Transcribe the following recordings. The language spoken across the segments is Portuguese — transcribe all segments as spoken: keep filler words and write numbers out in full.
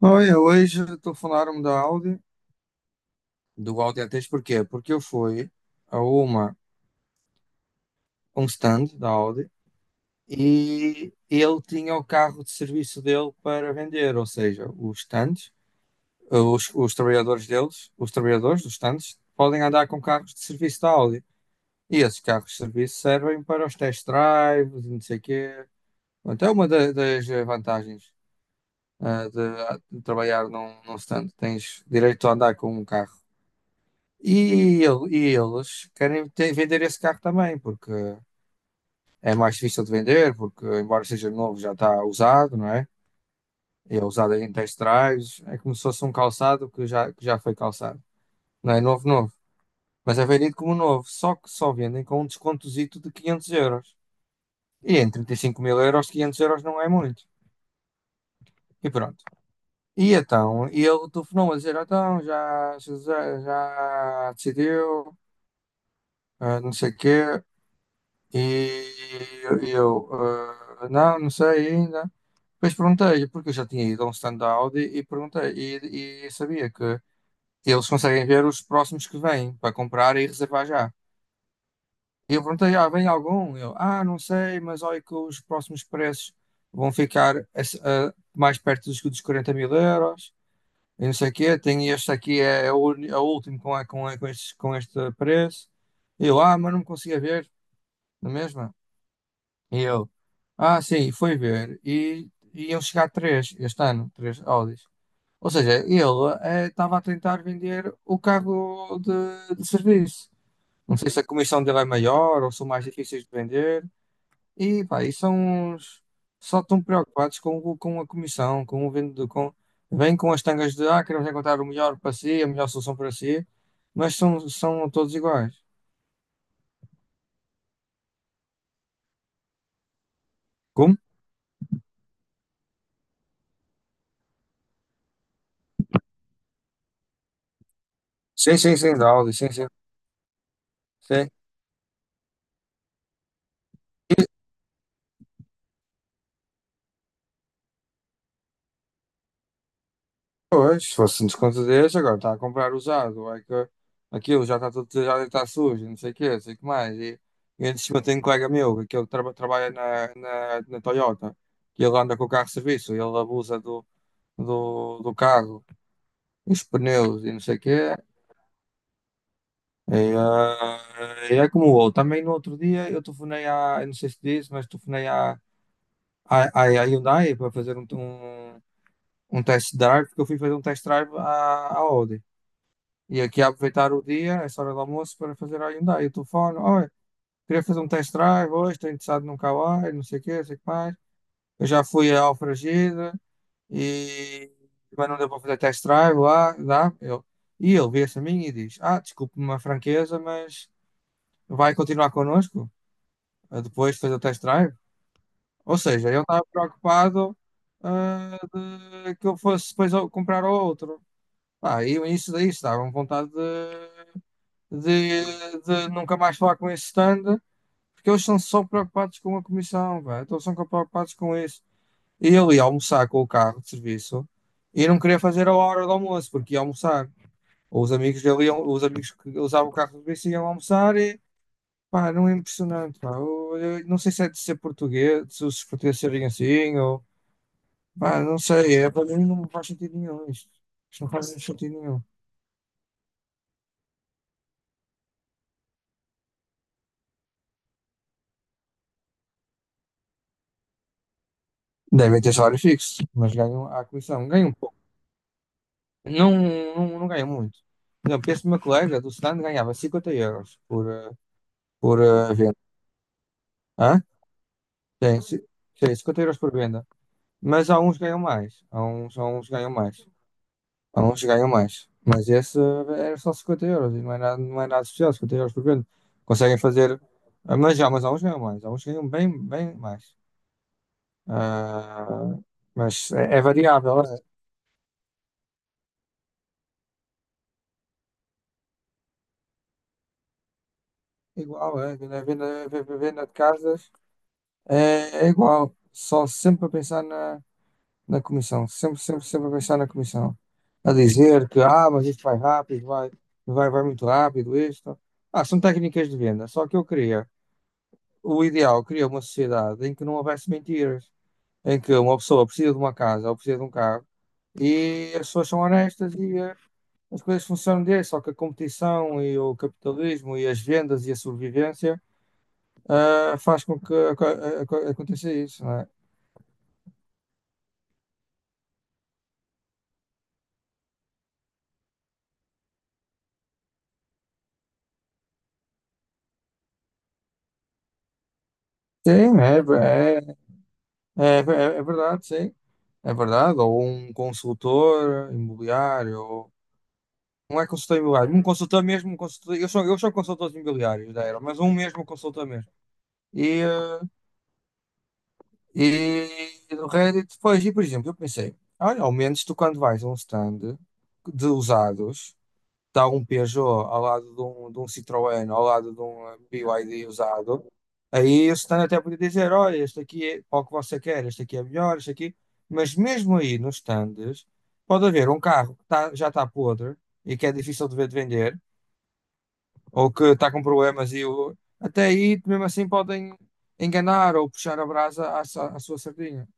Olha, hoje estou a da Audi, do Audi A três. Porquê? Porque eu fui a uma, um stand da Audi e ele tinha o carro de serviço dele para vender. Ou seja, os stands, os, os trabalhadores deles, os trabalhadores dos stands, podem andar com carros de serviço da Audi. E esses carros de serviço servem para os test drives e não sei o quê. Até uma da- das vantagens ah, de, de trabalhar num, num stand, tens direito a andar com um carro. E, el- e eles querem te- vender esse carro também, porque é mais difícil de vender, porque embora seja novo, já está usado, não é? E é usado em test drives, é como se fosse um calçado que já, que já foi calçado. Não é novo, novo, mas é vendido como novo, só que só vendem com um descontozito de quinhentos euros. E em trinta e cinco mil euros, quinhentos euros não é muito. E pronto. E então, e ele telefonou a dizer, então, já, já, já decidiu, ah, não sei o quê. E eu, ah, não, não sei ainda. Depois perguntei, porque eu já tinha ido a um stand da Audi e perguntei, e, e sabia que eles conseguem ver os próximos que vêm para comprar e reservar já. E eu perguntei, ah, vem algum? Eu, ah, não sei, mas olha que os próximos preços vão ficar a- a- mais perto dos, dos quarenta mil euros, e não sei o quê. Tem este aqui, é, é o, uni- é o último com, a- com, a- com, estes- com este preço. E eu, ah, mas não me conseguia ver, não é mesmo? E eu, ah, sim, fui ver. E iam chegar três este ano, três Audis. Ou seja, ele eh, estava a tentar vender o carro de, de serviço. Não sei se a comissão dele é maior ou são mais difíceis de vender. E pá, e são uns. Só estão preocupados com, o- com a comissão, com o vendedor. Com, vêm com as tangas de, ah, queremos encontrar o melhor para si, a melhor solução para si. Mas são, são todos iguais. Como? Sim, sim, sim, da Audi, sim, sim. Sim. Pois, se fosse um desconto desse, agora está a comprar usado, é que aquilo já está tudo, já está sujo, não sei o quê, não sei o que mais. E, e antes de cima tem um colega meu, que ele traba- trabalha na, na, na Toyota, que ele anda com o carro de serviço, ele abusa do, do, do carro, os pneus e não sei o quê. E, ah, e é como o outro. Também no outro dia eu telefonei à, eu não sei se disse, mas telefonei à, à, à à Hyundai para fazer um, um, um test drive, porque eu fui fazer um test drive à, à Audi. E aqui a aproveitar o dia, essa hora do almoço, para fazer a Hyundai. O telefone, olha, queria fazer um test drive hoje, estou interessado num Kawai, não sei o quê, não sei o que mais. Eu já fui à Alfragida e mas não deu para fazer test drive lá, dá. Eu... E ele vira-se a mim e diz, ah, desculpe-me a franqueza, mas vai continuar connosco eh, depois de fazer o test drive? Ou seja, ele estava preocupado, ah, de que eu fosse depois ao- comprar outro. Ah, e isso daí estava com vontade de de, de nunca mais falar com esse stand, porque eles estão só preocupados com a comissão, velho. Então são preocupados com isso. E ele ia almoçar com o carro de serviço e não queria fazer a hora do almoço, porque ia almoçar. Os amigos dele iam, os amigos que usavam o carro de serviço iam almoçar e pá, não é impressionante, pá. Eu, eu não sei se é de ser português, se os portugueses serem assim, ou pá, não sei, é, para mim não faz sentido nenhum isto. Isto não faz sentido nenhum. Devem ter salário fixo, mas ganham a comissão. Ganham. Não, não, não ganha muito. Por exemplo, este meu colega do stand ganhava cinquenta euros por, eh, por eh, venda. Hã? Sim, ci- sim, cinquenta euros por venda. Mas há uns que ganham mais. Há uns, há uns que ganham mais. Há uns que ganham mais. Mas esse, eh, era só cinquenta euros e não é nada, não é nada especial, cinquenta euros por venda. Conseguem fazer. Ah, mas já, mas há uns que ganham mais. Há uns que ganham bem, bem mais. Ah, mas é, é variável, é igual, é. A venda, a venda a venda de casas é, é igual. Só sempre a pensar na. Na comissão, sempre, sempre, sempre a pensar na comissão, a dizer que, ah, mas isto vai rápido, vai, vai, vai muito rápido, isto. Ah, são técnicas de venda, só que eu queria, o ideal, eu queria uma sociedade em que não houvesse mentiras, em que uma pessoa precisa de uma casa ou precisa de um carro e as pessoas são honestas e, eh, as coisas funcionam desse, só que a competição e o capitalismo e as vendas e a sobrevivência, ah, faz com que aco- aco- aconteça isso, não é? Sim, é. É, é, é verdade, sim. É verdade. Ou um consultor imobiliário, ou... não é consultor imobiliário, um consultor mesmo, um consultor... Eu sou, eu sou consultor de imobiliários da Aero, mas um mesmo consultor mesmo. E, eh, e do Reddit, depois, e por exemplo, eu pensei, olha, ao menos tu quando vais a um stand de usados. Está um Peugeot ao lado de um, de um Citroën, ao lado de um, eh, B Y D usado, aí o stand até podia dizer, olha, este aqui é para o que você quer, este aqui é melhor, este aqui... Mas mesmo aí nos stands, pode haver um carro que tá- já está podre e que é difícil de ver de vender, ou que está com problemas e o... até aí, mesmo assim, podem enganar ou puxar a brasa à, sa- à sua sardinha.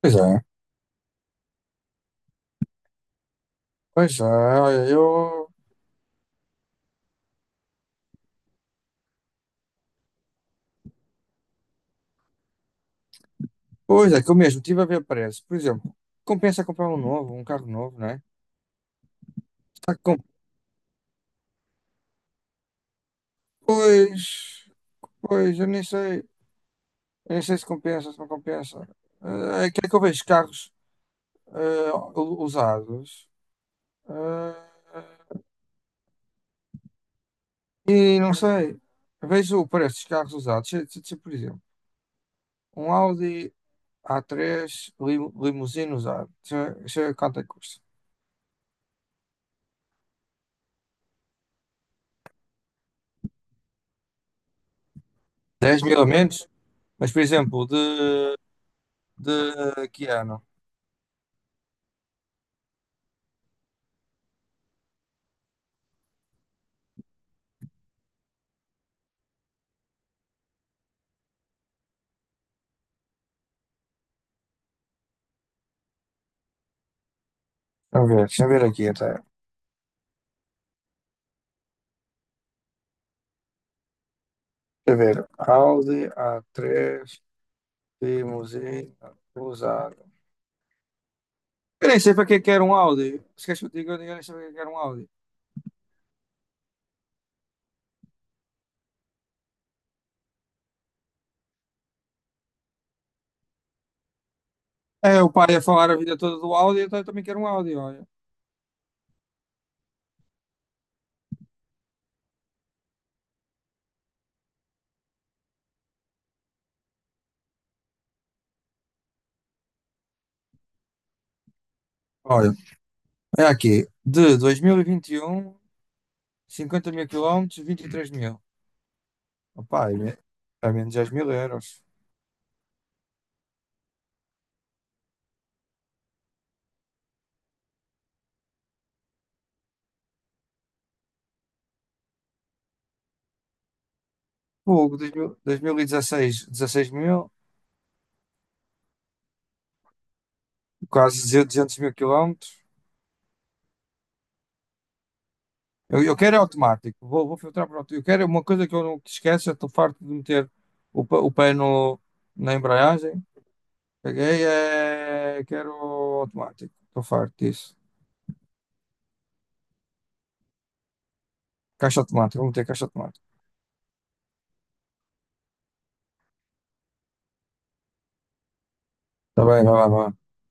Pois é, pois é, olha, eu... Pois é, que eu mesmo estive a ver preço. Por exemplo, compensa comprar um novo, um carro novo, né? Tá com- pois, pois, eu nem sei, eu nem sei se compensa, se não compensa. Eh, É que é que eu vejo carros, eh, u- usados, eh, e não sei, vejo o preço dos carros usados. Se, se- se, por exemplo, um Audi a três lim, limusine usado, deixa deixa eu ver quanto é que custa? Dez mil a menos, mas por exemplo, de, de que ano? Deixa eu ver, deixa eu ver aqui até. Deixa eu ver, Audi a três limusine usado. Eu nem sei para que é que era um Audi. Se queres que eu te diga, eu nem sei para que é que era um Audi. É, o pai a falar a vida toda do Audi, então eu também quero um Audi, olha. Olha, é aqui, de dois mil e vinte e um, cinquenta mil quilómetros, vinte e três mil. Opá, é, me- é menos dez mil euros. Fogo, dois mil dois mil e dezasseis, dezasseis mil, e dezasseis, dezasseis mil, quase duzentos mil quilómetros. Eu, eu quero é automático, vou, vou filtrar para o automático. Eu quero é uma coisa que eu não esqueço, eu estou farto de meter o, pa- o pé no, na embreagem. Peguei, é... quero automático. Estou farto disso. Caixa automática, vamos ter caixa automática. Tá bem, vai lá, vai lá.